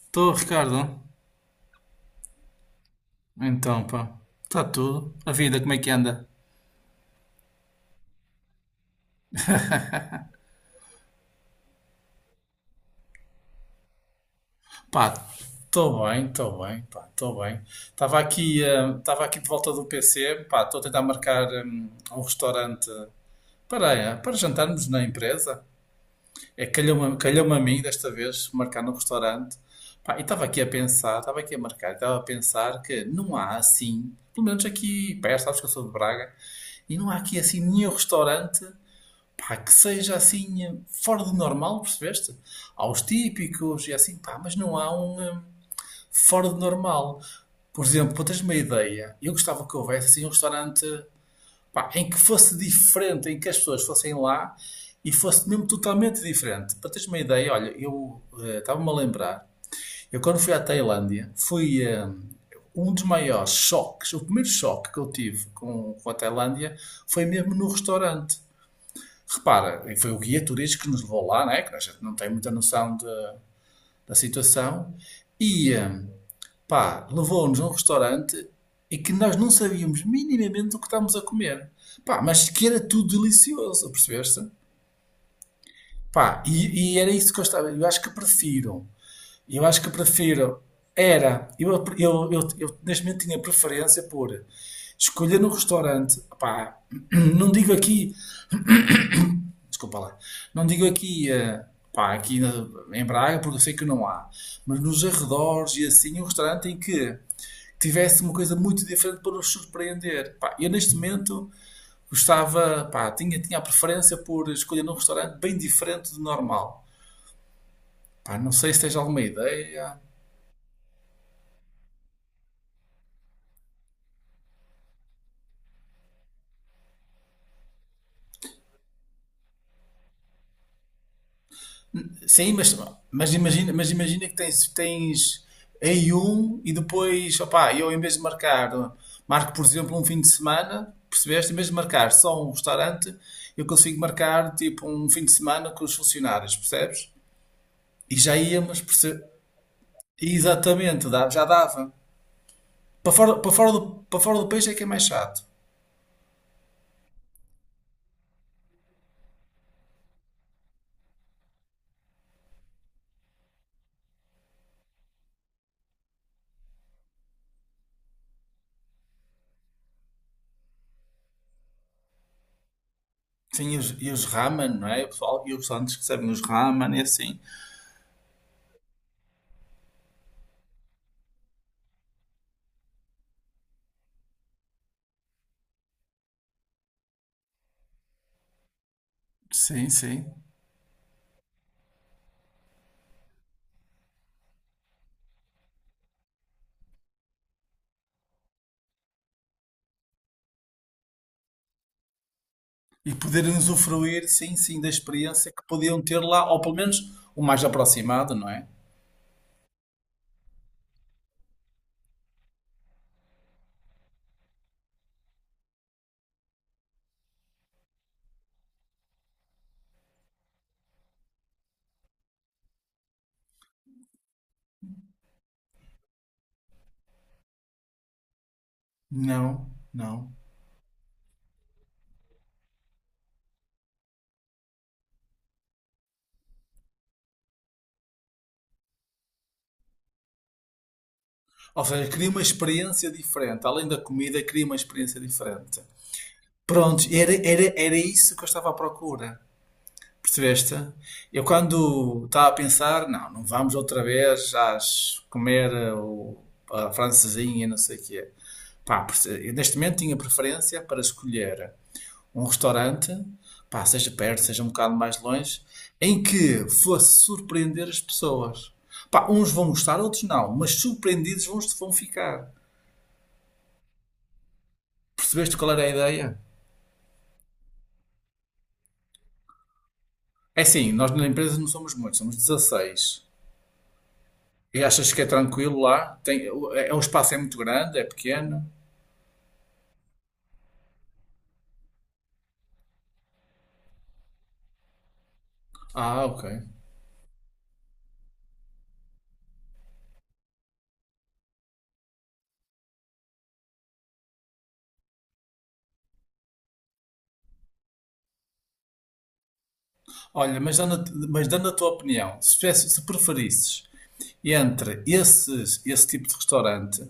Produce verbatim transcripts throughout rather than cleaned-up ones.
Estou, Ricardo. Então, pá, está tudo. A vida, como é que anda? Pá, estou bem, estou bem, pá, estou bem. Estava aqui, eh, estava aqui de volta do P C, pá, estou a tentar marcar hum, um restaurante para, eh, para jantarmos na empresa. É, calhou-me, calhou-me a mim desta vez marcar no restaurante. Pá, e estava aqui a pensar, estava aqui a marcar, estava a pensar que não há assim, pelo menos aqui perto, sabes que eu sou de Braga, e não há aqui assim nenhum restaurante pá, que seja assim eh, fora do normal, percebeste? Há os típicos e assim, pá, mas não há um eh, fora do normal. Por exemplo, para teres uma ideia, eu gostava que houvesse assim um restaurante, pá, em que fosse diferente, em que as pessoas fossem lá e fosse mesmo totalmente diferente. Para teres uma ideia, olha, eu eh, estava-me a lembrar, eu quando fui à Tailândia, fui eh, um dos maiores choques, o primeiro choque que eu tive com, com a Tailândia foi mesmo no restaurante, repara, e foi o guia turístico que nos levou lá, né? Que a gente não tem muita noção de, da situação, e hum, pá, levou-nos a um restaurante e que nós não sabíamos minimamente o que estávamos a comer. Pá, mas que era tudo delicioso, percebeste? Pá, e, e era isso que eu estava. Eu acho que prefiro. Eu acho que prefiro. Era. Eu, eu, eu, eu neste momento tinha preferência por escolher no restaurante. Pá, não digo aqui. Desculpa lá. Não digo aqui, eh, pá, aqui na- em Braga, porque eu sei que não há, mas nos arredores e assim, um restaurante em que tivesse uma coisa muito diferente para nos surpreender. Pá, eu neste momento gostava, pá, tinha, tinha a preferência por escolher um restaurante bem diferente do normal. Pá, não sei se tens alguma ideia. Sim, mas, mas imagina, mas imagina que tens, tens em um e depois, opá, eu em vez de marcar, marco por exemplo um fim de semana, percebeste? Em vez de marcar só um restaurante, eu consigo marcar tipo um fim de semana com os funcionários, percebes? E já íamos, perce- Exatamente, dá- já dava. Para fora, para fora do, para fora do país é que é mais chato. Sim, e os, e os ramen, não é? O pessoal, e os restaurantes que servem os ramen e assim. Sim, sim. E poderem usufruir, sim, sim, da experiência que podiam ter lá, ou pelo menos o mais aproximado, não é? Não, não. Ou seja, queria uma experiência diferente. Além da comida, queria uma experiência diferente. Pronto, era, era, era isso que eu estava à procura. Percebeste? Eu quando estava a pensar, não, não vamos outra vez às comer eh, o- a francesinha, e não sei o quê. Pá, perce- eu neste momento tinha preferência para escolher um restaurante, pá, seja perto, seja um bocado mais longe, em que fosse surpreender as pessoas. Pá, uns vão gostar, outros não, mas surpreendidos vão, vão ficar. Percebeste qual era a ideia? É assim, nós na empresa não somos muitos, somos dezasseis. E achas que é tranquilo lá? Tem, é, é- o espaço é muito grande, é pequeno? Ah, ok. Olha, mas dando, mas dando a tua opinião, se, tivesse- se preferisses entre esses, esse tipo de restaurante,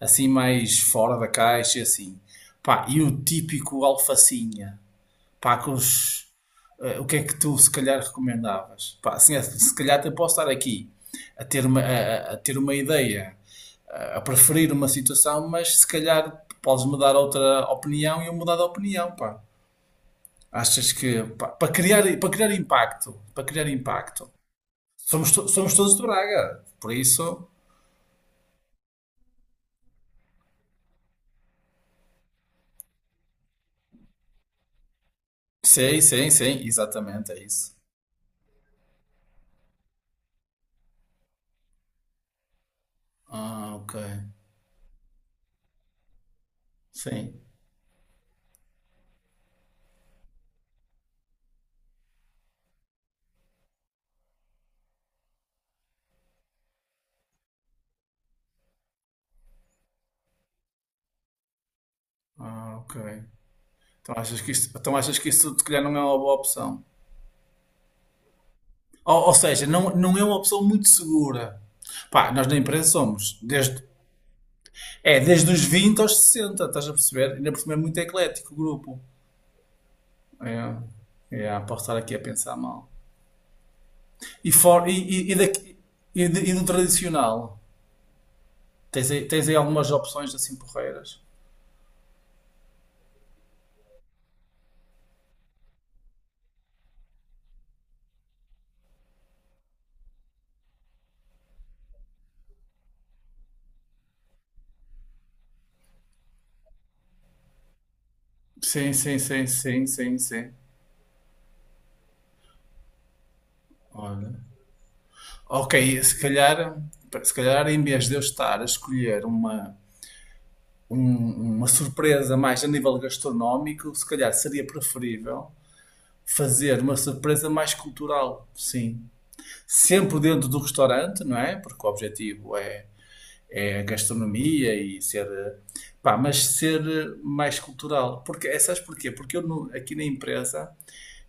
assim mais fora da caixa, e assim, pá, e o típico alfacinha, pá, com os, eh, o que é que tu se calhar recomendavas? Pá, assim, é, se calhar até posso estar aqui a ter uma, a, a- ter uma ideia, a, a preferir uma situação, mas se calhar podes-me dar outra opinião e eu mudar de opinião, pá. Achas que, pá, para criar, para criar impacto, para criar impacto. Somos, to- somos todos de Braga, por isso... Sim, sim, sim, exatamente, é isso. Ah, ok. Sim. Ah, ok. Então achas que isto, então achas que isso se calhar não é uma boa opção? Ou, ou seja, não, não é uma pessoa muito segura. Pá, nós na empresa somos desde, é, desde os vinte aos sessenta, estás a perceber? Ainda por cima é muito eclético o grupo. É, é, posso estar aqui a pensar mal. E, for, e, e, e, daqui- e de- e do tradicional? Tens aí, tens aí algumas opções assim porreiras? Sim, sim, sim, sim, sim, sim. Olha. Ok, se calhar, se calhar em vez de eu estar a escolher uma, um- uma surpresa mais a nível gastronómico, se calhar seria preferível fazer uma surpresa mais cultural, sim. Sempre dentro do restaurante, não é? Porque o objetivo é, é a gastronomia e ser. eh, Pá, mas ser eh, mais cultural. Porque, eh, sabes porquê? Porque eu no- aqui na empresa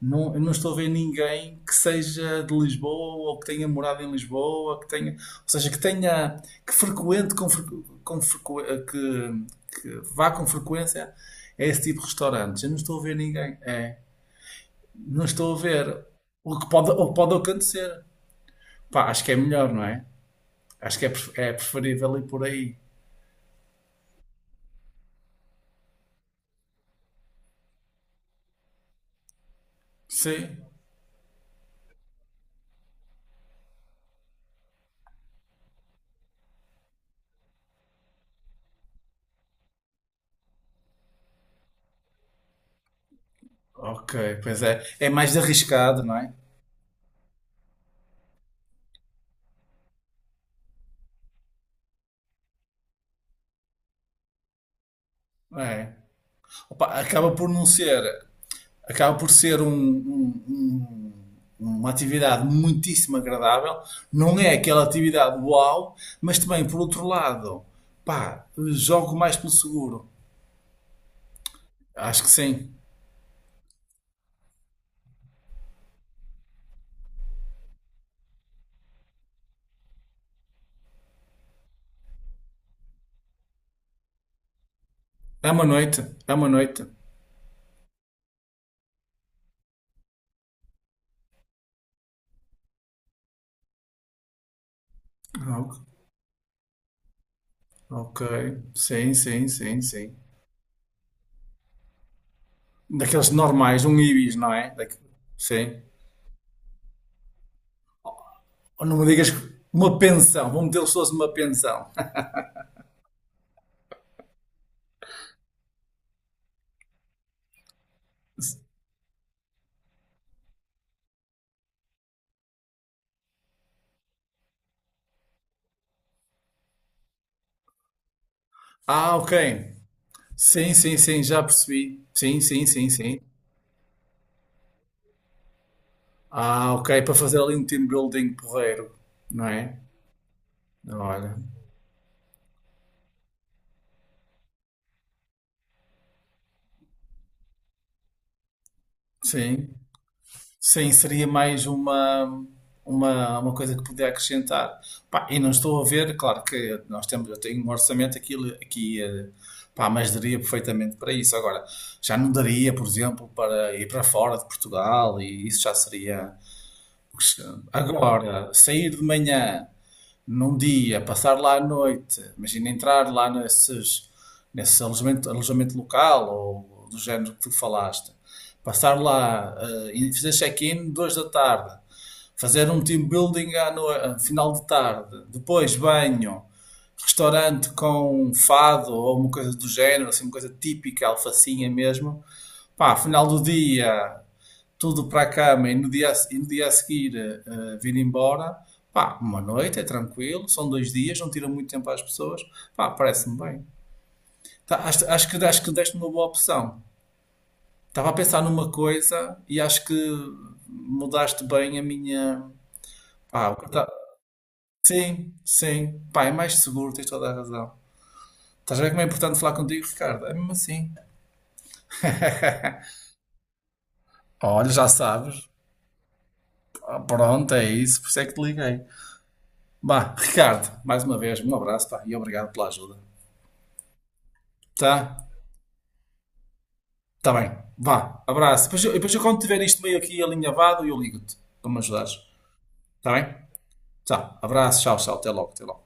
não, eu não estou a ver ninguém que seja de Lisboa ou que tenha morado em Lisboa, que tenha, ou seja, que tenha, que frequente com, frequ- com frequ- eh, que, que vá com frequência a esse tipo de restaurantes. Eu não estou a ver ninguém. É, não estou a ver o que pode, o que pode acontecer. Pá, acho que é melhor, não é? Acho que é, pref- é preferível ir por aí. Sim. Ok, pois é. É mais arriscado, não é? É. Opa, acaba por não ser. Acaba por ser um- um- um- uma atividade muitíssimo agradável. Não é aquela atividade uau, mas também, por outro lado, pá, jogo mais pelo seguro. Acho que sim. É uma noite, é uma noite. Ok, ok. Sim, sim, sim, sim. Daqueles normais, um Ibis, não é? Daque- Sim. Ou não me digas que uma pensão, vão metê-los todos numa pensão. Ah, ok. Sim, sim, sim, já percebi. Sim, sim, sim, sim. Ah, ok, para fazer ali um team building porreiro, não é? Olha, sim, sim, seria mais uma, uma, uma coisa que podia acrescentar. Pá, e não estou a ver, claro que nós temos, eu tenho um orçamento aqui, aqui eh, pá, mas daria perfeitamente para isso. Agora, já não daria, por exemplo, para ir para fora de Portugal e isso já seria. Agora, sair de manhã, num dia, passar lá à noite, imagina entrar lá nesses, nesse alojamento, alojamento local ou do género que tu falaste, passar lá eh, e fazer check-in duas da tarde, fazer um team building à no- eh, final de tarde, depois banho, restaurante com fado ou uma coisa do género, assim, uma coisa típica, alfacinha mesmo. Pá, final do dia, tudo para a cama e no dia, a- e no dia a seguir eh, eh, vir embora, pá, uma noite, é tranquilo, são dois dias, não tira muito tempo às pessoas, pá, parece-me bem. Tá, acho, acho que, acho que deste uma boa opção. Estava a pensar numa coisa e acho que mudaste bem a minha. Pá, o que eu ta- Sim, sim, pá, é mais seguro, tens toda a razão. Estás a ver como é importante falar contigo, Ricardo? É mesmo assim. Olha, já sabes. Ah, pronto, é isso, por isso é que te liguei. Bah, Ricardo, mais uma vez, um abraço, pá, e obrigado pela ajuda. Tá? Tá bem. Vá. Abraço. Depois, eu- depois eu quando tiver isto meio aqui alinhavado, eu ligo-te para me ajudares. Tá bem? Tá. Abraço. Tchau, tchau. Até logo. Até logo.